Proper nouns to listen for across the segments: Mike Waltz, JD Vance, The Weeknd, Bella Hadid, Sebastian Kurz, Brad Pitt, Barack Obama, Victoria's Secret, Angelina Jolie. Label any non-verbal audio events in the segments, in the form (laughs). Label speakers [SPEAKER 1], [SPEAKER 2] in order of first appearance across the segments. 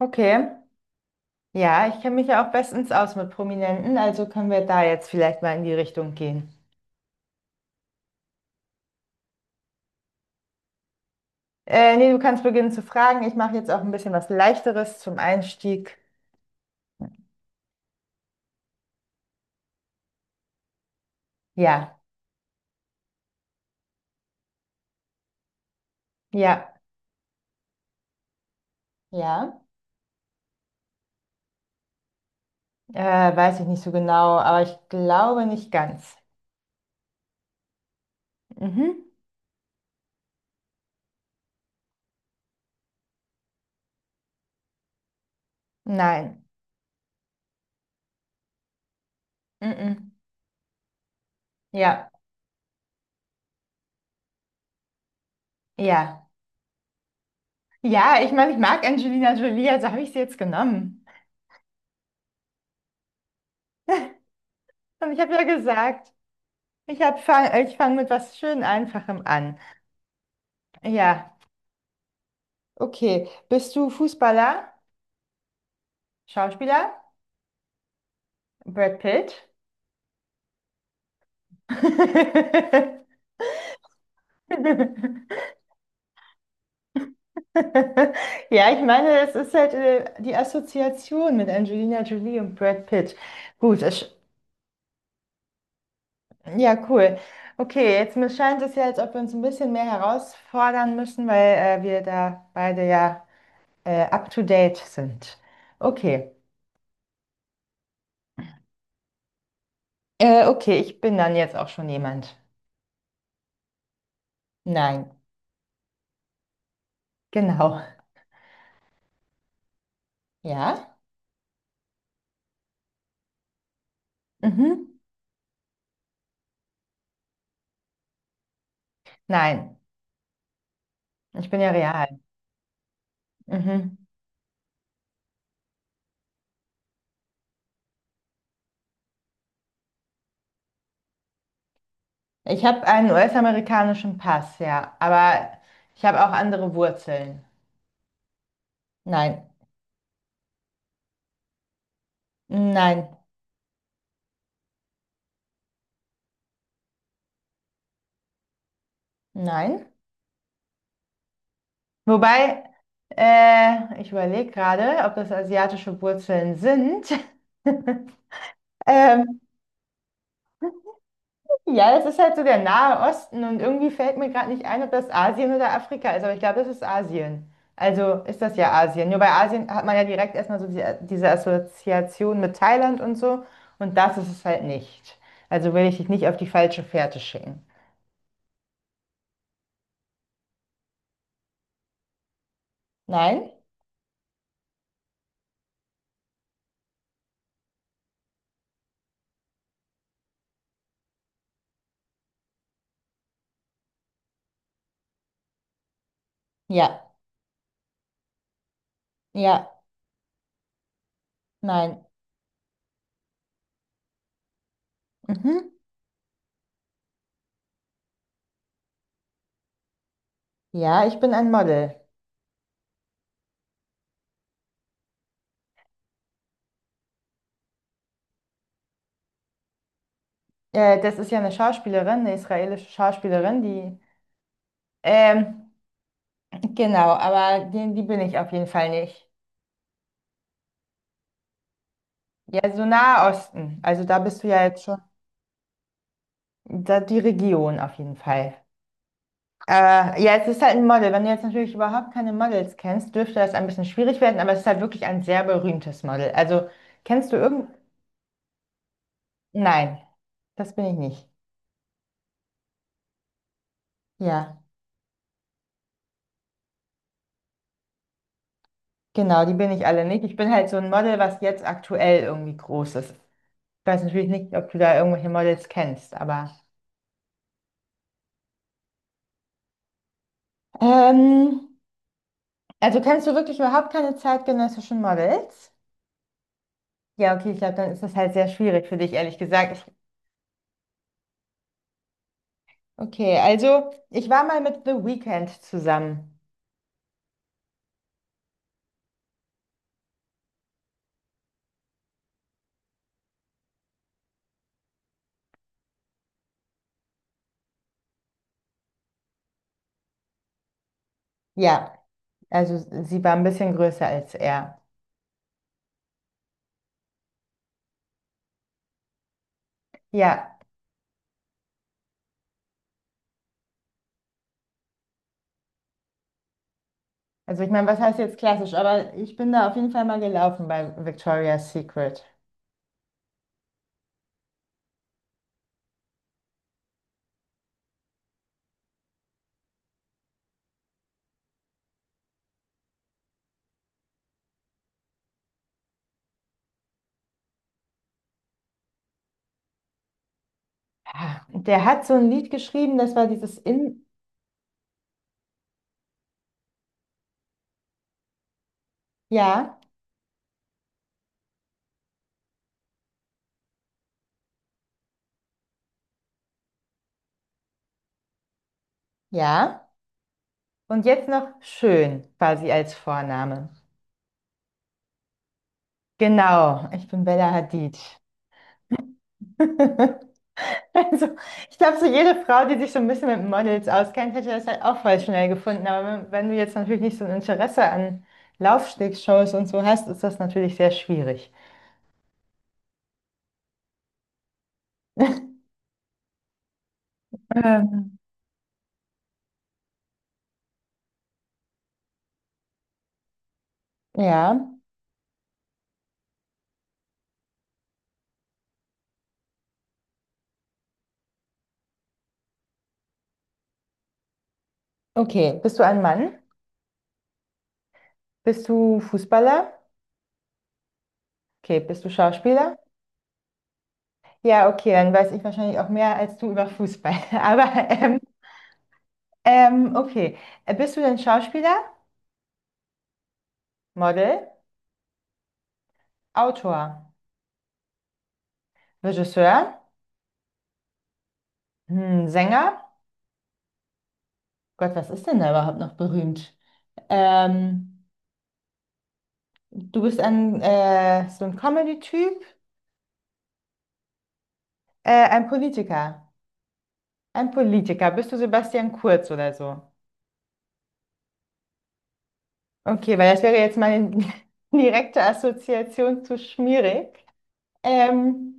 [SPEAKER 1] Okay. Ja, ich kenne mich ja auch bestens aus mit Prominenten, also können wir da jetzt vielleicht mal in die Richtung gehen. Nee, du kannst beginnen zu fragen. Ich mache jetzt auch ein bisschen was Leichteres zum Einstieg. Ja, ja, ja. Weiß ich nicht so genau, aber ich glaube nicht ganz. Mhm. Nein. Mhm. Ja, ja. Ja, ich meine, ich mag Angelina Jolie, also habe ich sie jetzt genommen. (laughs) Und ich habe ja gesagt, ich fange mit was schön Einfachem an. Ja. Okay, bist du Fußballer, Schauspieler, Brad Pitt? (laughs) Ja, ich meine, es ist halt die Assoziation mit Angelina Jolie und Brad Pitt. Gut, es, ja, cool. Okay, jetzt mir scheint es ja, als ob wir uns ein bisschen mehr herausfordern müssen, weil wir da beide ja up to date sind. Okay, okay, ich bin dann jetzt auch schon jemand. Nein, genau. Ja? Mhm. Nein. Ich bin ja real. Mhm. Ich habe einen US-amerikanischen Pass, ja, aber ich habe auch andere Wurzeln. Nein, nein, nein. Wobei, Ich überlege gerade, ob das asiatische Wurzeln sind. (laughs) Ähm, ja, das ist halt so der Nahe Osten und irgendwie fällt mir gerade nicht ein, ob das Asien oder Afrika ist, aber ich glaube, das ist Asien. Also ist das ja Asien. Nur bei Asien hat man ja direkt erstmal so diese Assoziation mit Thailand und so und das ist es halt nicht. Also will ich dich nicht auf die falsche Fährte schicken. Nein? Ja. Ja. Nein. Mhm. Ja, ich bin ein Model. Das ist ja eine Schauspielerin, eine israelische Schauspielerin, die... Ähm, genau, aber die bin ich auf jeden Fall nicht. Ja, so Nahe Osten. Also da bist du ja jetzt schon, da die Region auf jeden Fall. Ja, es ist halt ein Model. Wenn du jetzt natürlich überhaupt keine Models kennst, dürfte das ein bisschen schwierig werden, aber es ist halt wirklich ein sehr berühmtes Model. Also kennst du irgend... Nein, das bin ich nicht. Ja, genau, die bin ich alle nicht. Ich bin halt so ein Model, was jetzt aktuell irgendwie groß ist. Ich weiß natürlich nicht, ob du da irgendwelche Models kennst, aber... Ähm, also kennst du wirklich überhaupt keine zeitgenössischen Models? Ja, okay, ich glaube, dann ist das halt sehr schwierig für dich, ehrlich gesagt. Okay, also ich war mal mit The Weeknd zusammen. Ja, also sie war ein bisschen größer als er. Ja, also ich meine, was heißt jetzt klassisch, aber ich bin da auf jeden Fall mal gelaufen bei Victoria's Secret. Ah, der hat so ein Lied geschrieben, das war dieses In, ja, ja, und jetzt noch schön, quasi als Vorname. Genau, ich bin Bella Hadid. (laughs) Also, ich glaube, so jede Frau, die sich so ein bisschen mit Models auskennt, hätte das halt auch voll schnell gefunden. Aber wenn du jetzt natürlich nicht so ein Interesse an Laufstegshows und so hast, ist das natürlich sehr schwierig. Ähm, ja, okay. Bist du ein Mann? Bist du Fußballer? Okay, bist du Schauspieler? Ja, okay, dann weiß ich wahrscheinlich auch mehr als du über Fußball. (laughs) Aber ähm, okay. Bist du denn Schauspieler, Model, Autor, Regisseur, hm, Sänger? Gott, was ist denn da überhaupt noch berühmt? Ähm, so ein Comedy-Typ, ein Politiker. Ein Politiker. Bist du Sebastian Kurz oder so? Okay, weil das wäre jetzt meine (laughs) direkte Assoziation zu schmierig. Ähm.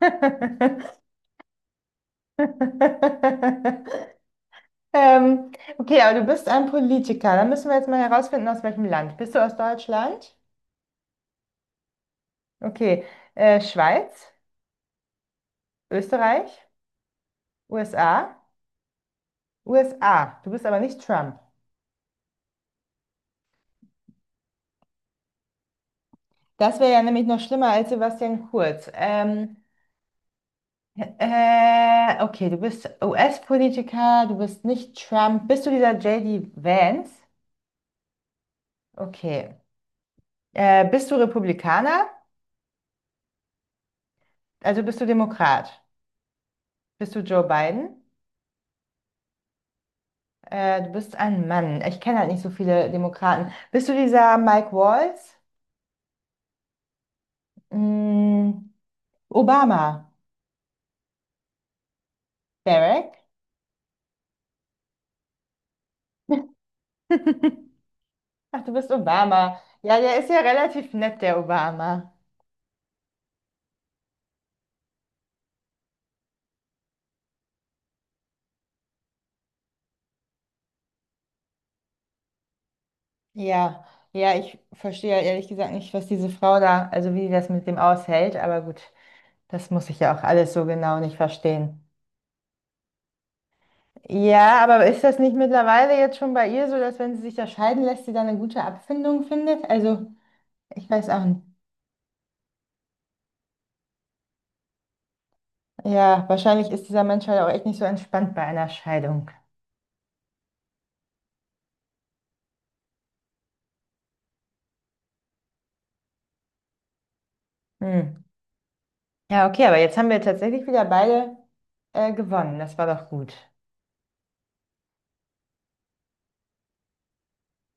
[SPEAKER 1] (laughs) ähm, okay, aber du bist ein Politiker. Dann müssen wir jetzt mal herausfinden, aus welchem Land. Bist du aus Deutschland? Okay, Schweiz, Österreich, USA, USA. Du bist aber nicht Trump. Das wäre ja nämlich noch schlimmer als Sebastian Kurz. Okay, du bist US-Politiker, du bist nicht Trump. Bist du dieser JD Vance? Okay. Bist du Republikaner? Also bist du Demokrat? Bist du Joe Biden? Du bist ein Mann. Ich kenne halt nicht so viele Demokraten. Bist du dieser Mike Waltz? Mm, Obama? Barack? (laughs) Ach, du bist Obama. Ja, der ist ja relativ nett, der Obama. Ja, ja, ich verstehe ja ehrlich gesagt nicht, was diese Frau da, also wie die das mit dem aushält, aber gut, das muss ich ja auch alles so genau nicht verstehen. Ja, aber ist das nicht mittlerweile jetzt schon bei ihr so, dass wenn sie sich da scheiden lässt, sie dann eine gute Abfindung findet? Also, ich weiß auch nicht. Ja, wahrscheinlich ist dieser Mensch halt auch echt nicht so entspannt bei einer Scheidung. Hm. Ja, okay, aber jetzt haben wir tatsächlich wieder beide gewonnen. Das war doch gut.